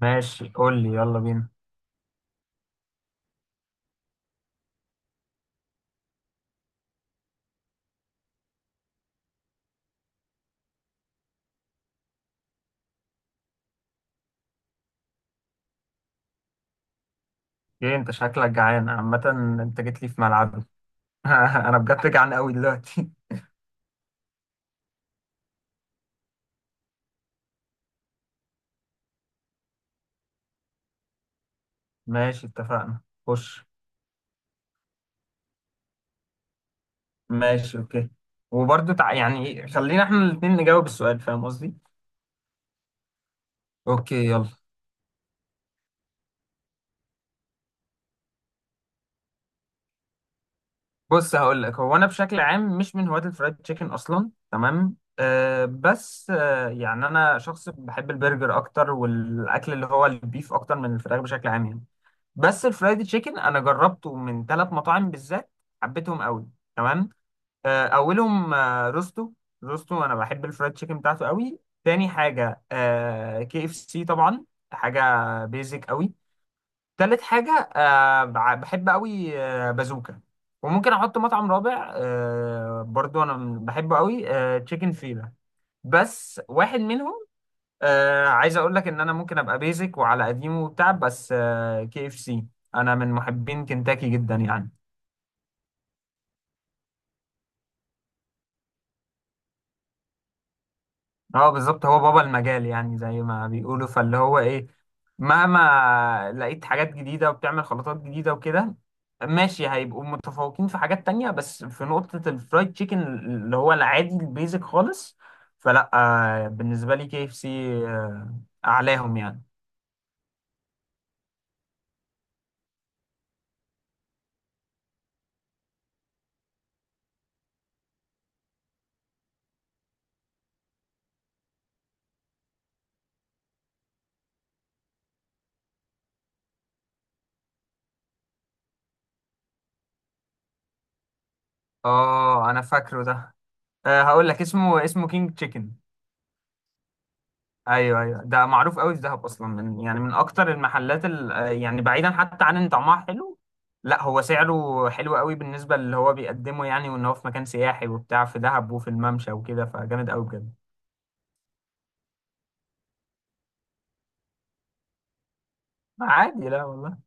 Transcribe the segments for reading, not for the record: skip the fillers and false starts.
ماشي، قول لي يلا بينا. ايه، انت شكلك جعان عامة؟ انت جيت لي في ملعبي. انا بجد جعان قوي دلوقتي. ماشي، اتفقنا. خش. ماشي، اوكي. وبرضه يعني ايه، خلينا احنا الاتنين نجاوب السؤال، فاهم قصدي؟ اوكي، يلا. بص، هقول لك، هو انا بشكل عام مش من هواة الفرايد تشيكن اصلا، تمام، بس يعني انا شخص بحب البرجر اكتر، والاكل اللي هو البيف اكتر من الفراخ بشكل عام يعني. بس الفرايد تشيكن انا جربته من ثلاث مطاعم بالذات، حبيتهم قوي، تمام. اولهم روستو. روستو انا بحب الفرايد تشيكن بتاعته قوي. تاني حاجه كي اف سي طبعا، حاجه بيزك قوي. تالت حاجه بحب قوي بازوكا. وممكن احط مطعم رابع برضو انا بحبه قوي، تشيكن فيلا. بس واحد منهم. عايز اقول لك ان انا ممكن ابقى بيزك وعلى قديمه وبتاع، بس كي اف سي، انا من محبين كنتاكي جدا يعني. اه بالظبط، هو بابا المجال يعني زي ما بيقولوا، فاللي هو ايه، مهما لقيت حاجات جديدة وبتعمل خلطات جديدة وكده، ماشي، هيبقوا متفوقين في حاجات تانية، بس في نقطة الفرايد تشيكن اللي هو العادي البيزك خالص، فلا. آه بالنسبة لي كي اف سي اعلاهم يعني. اه انا فاكره ده. هقول لك اسمه كينج تشيكن. ايوه، ايوه، ده معروف قوي في دهب اصلا، من اكتر المحلات يعني بعيدا حتى عن ان طعمها حلو، لا، هو سعره حلو قوي بالنسبه اللي هو بيقدمه يعني، وان هو في مكان سياحي وبتاع في دهب وفي الممشى وكده، فجامد قوي بجد. عادي، لا والله.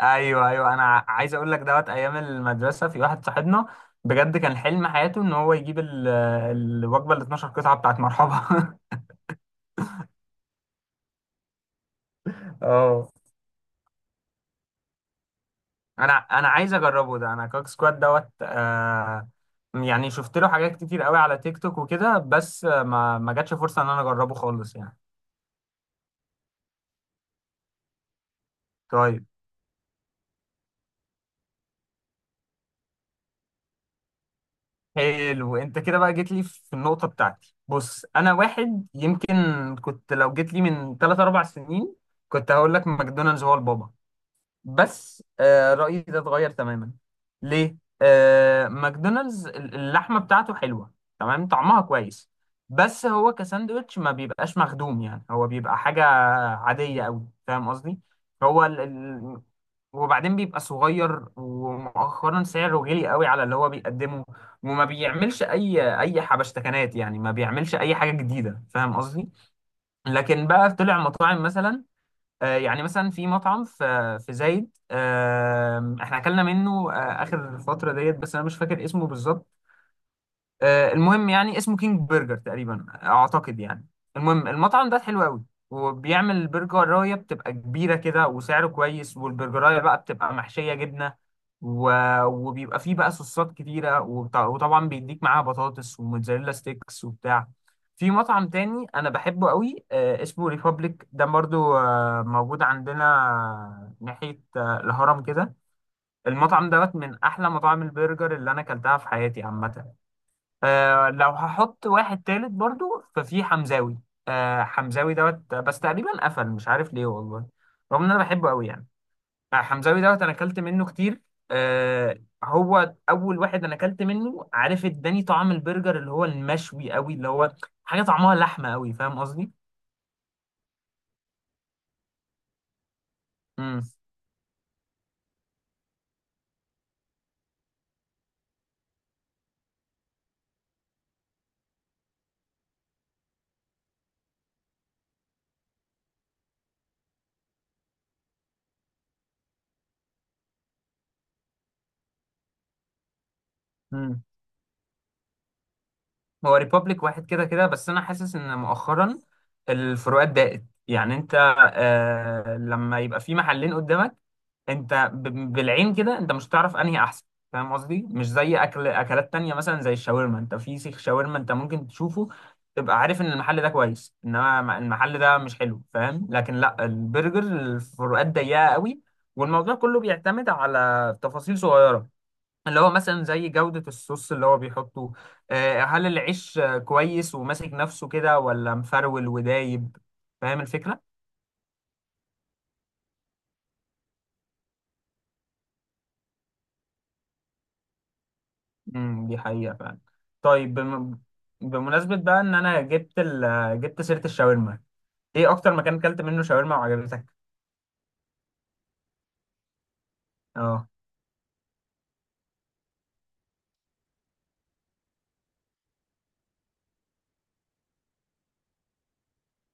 ايوه، ايوه، انا عايز اقول لك دوت ايام المدرسه في واحد صاحبنا، بجد كان حلم حياته ان هو يجيب الوجبه ال 12 قطعه بتاعت مرحبا. اه. انا عايز اجربه ده، انا كوك سكواد دوت يعني شفت له حاجات كتير قوي على تيك توك وكده، بس ما جاتش فرصه ان انا اجربه خالص يعني. طيب. حلو، انت كده بقى جيت لي في النقطه بتاعتي. بص انا واحد يمكن، كنت لو جيت لي من 3 4 سنين كنت هقول لك ماكدونالدز هو البابا. بس رأيي ده اتغير تماما. ليه؟ ماكدونالدز اللحمة بتاعته حلوة، تمام، طعمها كويس. بس هو كساندوتش ما بيبقاش مخدوم يعني، هو بيبقى حاجة عادية أوي، فاهم قصدي؟ هو ال... ال... وبعدين بيبقى صغير، ومؤخرا سعره غالي قوي على اللي هو بيقدمه، وما بيعملش اي حبشتكنات يعني، ما بيعملش اي حاجه جديده، فاهم قصدي؟ لكن بقى طلع مطاعم مثلا، يعني مثلا في مطعم في زايد، احنا اكلنا منه اخر فتره ديت، بس انا مش فاكر اسمه بالظبط. المهم يعني اسمه كينج برجر تقريبا اعتقد يعني. المهم، المطعم ده حلو قوي، وبيعمل برجرايه بتبقى كبيره كده وسعره كويس، والبرجرايه بقى بتبقى محشيه جبنه و... وبيبقى فيه بقى صوصات كتيره وطبعا بيديك معاها بطاطس وموتزاريلا ستيكس وبتاع. في مطعم تاني انا بحبه قوي اسمه ريبابليك، ده برضو موجود عندنا ناحيه الهرم كده. المطعم دوت من احلى مطاعم البرجر اللي انا اكلتها في حياتي عامه. لو هحط واحد تالت برضو ففي حمزاوي. حمزاوي دوت بس تقريبا قفل، مش عارف ليه والله، رغم ان انا بحبه قوي يعني. حمزاوي دوت انا اكلت منه كتير. آه هو اول واحد انا اكلت منه، عارف، اداني طعم البرجر اللي هو المشوي قوي، اللي هو حاجه طعمها لحمه قوي، فاهم قصدي؟ امم هو ريبابليك واحد كده كده، بس انا حاسس ان مؤخرا الفروقات ضاقت يعني. انت لما يبقى في محلين قدامك، انت بالعين كده انت مش هتعرف انهي احسن، فاهم قصدي؟ مش زي اكل اكلات تانية مثلا زي الشاورما، انت في سيخ شاورما انت ممكن تشوفه تبقى عارف ان المحل ده كويس، انما المحل ده مش حلو، فاهم؟ لكن لا، البرجر الفروقات ضيقة قوي، والموضوع كله بيعتمد على تفاصيل صغيرة، اللي هو مثلا زي جودة الصوص اللي هو بيحطه، هل العيش كويس وماسك نفسه كده ولا مفرول ودايب، فاهم الفكرة؟ دي حقيقة فعلا. طيب، بمناسبة بقى ان انا جبت ال... آه، جبت سيرة الشاورما، ايه اكتر مكان اكلت منه شاورما وعجبتك؟ اه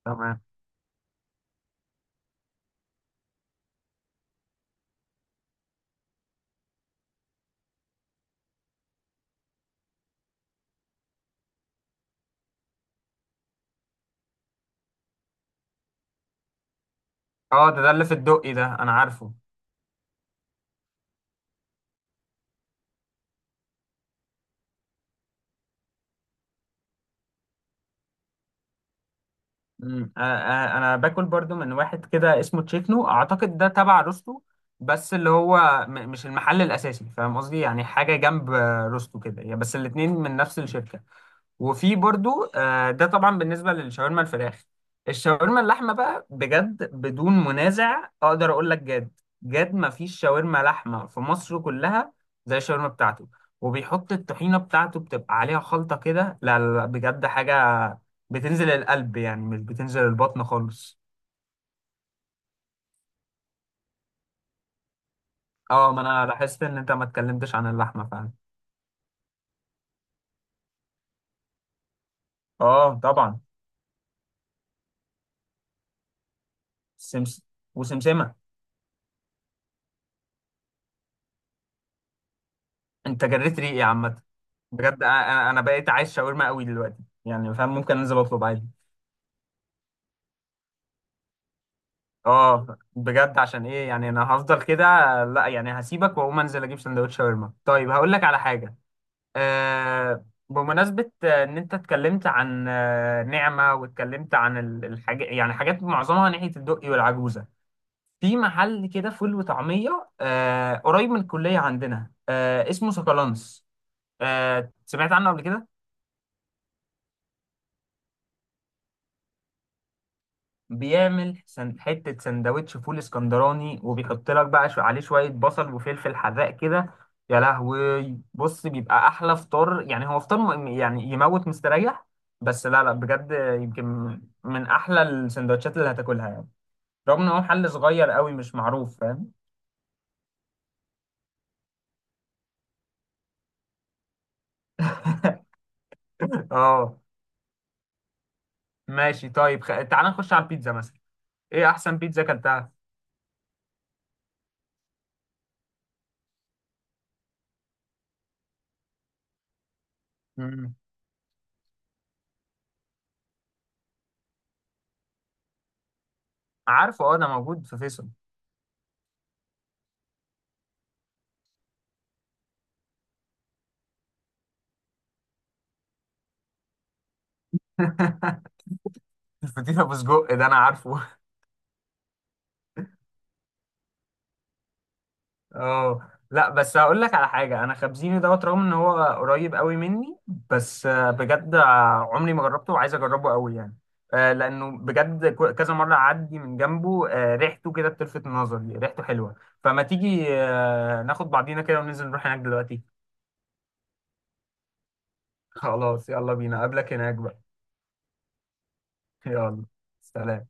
تمام. اه، ده اللي في الدقي ده انا عارفه. مم. انا أنا- أنا باكل برضو من واحد كده اسمه تشيكنو اعتقد، ده تبع روستو، بس اللي هو مش المحل الاساسي، فاهم قصدي؟ يعني حاجه جنب روستو كده يعني، بس الاتنين من نفس الشركه. وفي برضو ده طبعا بالنسبه للشاورما الفراخ. الشاورما اللحمه بقى، بجد بدون منازع اقدر اقول لك، جد جد ما فيش شاورما لحمه في مصر كلها زي الشاورما بتاعته. وبيحط الطحينه بتاعته بتبقى عليها خلطه كده، لا، لا، لا، بجد حاجه بتنزل القلب يعني، مش بتنزل البطن خالص. اه، ما انا لاحظت ان انت ما اتكلمتش عن اللحمه فعلا. اه طبعا. سمس وسمسمه. انت جريت ريقي يا عامه. بجد، انا بقيت عايز شاورما قوي دلوقتي، يعني فاهم، ممكن انزل اطلب عادي. اه بجد، عشان ايه يعني، انا هفضل كده. لا يعني، هسيبك واقوم انزل اجيب سندوتش شاورما. طيب، هقول لك على حاجه، بمناسبه ان انت اتكلمت عن نعمه، واتكلمت عن الحاجه يعني، حاجات معظمها ناحيه الدقي والعجوزه. في محل كده فول وطعميه قريب من الكليه عندنا، اسمه سكالانس، سمعت عنه قبل كده؟ بيعمل حتة سندوتش فول اسكندراني، وبيحط لك بقى عليه شوية بصل وفلفل حراق كده. يا لهوي، بص بيبقى أحلى فطار يعني، هو فطار يعني يموت مستريح، بس لا، لا، بجد، يمكن من أحلى السندوتشات اللي هتاكلها يعني، رغم إن هو محل صغير قوي مش معروف، فاهم؟ اه. ماشي طيب، تعال نخش على البيتزا مثلا. إيه أحسن بيتزا أكلتها؟ مم. عارفه، اه، ده موجود في فيصل. الفطيرة بسجق ده أنا عارفه. اه لا، بس هقول لك على حاجه، انا خبزيني دوت رغم ان هو قريب قوي مني، بس بجد عمري ما جربته وعايز اجربه قوي يعني، لانه بجد كذا مره اعدي من جنبه، ريحته كده بتلفت نظري، ريحته حلوه. فما تيجي ناخد بعضينا كده وننزل نروح هناك دلوقتي؟ خلاص، يلا بينا، اقابلك هناك بقى. يلا. سلام.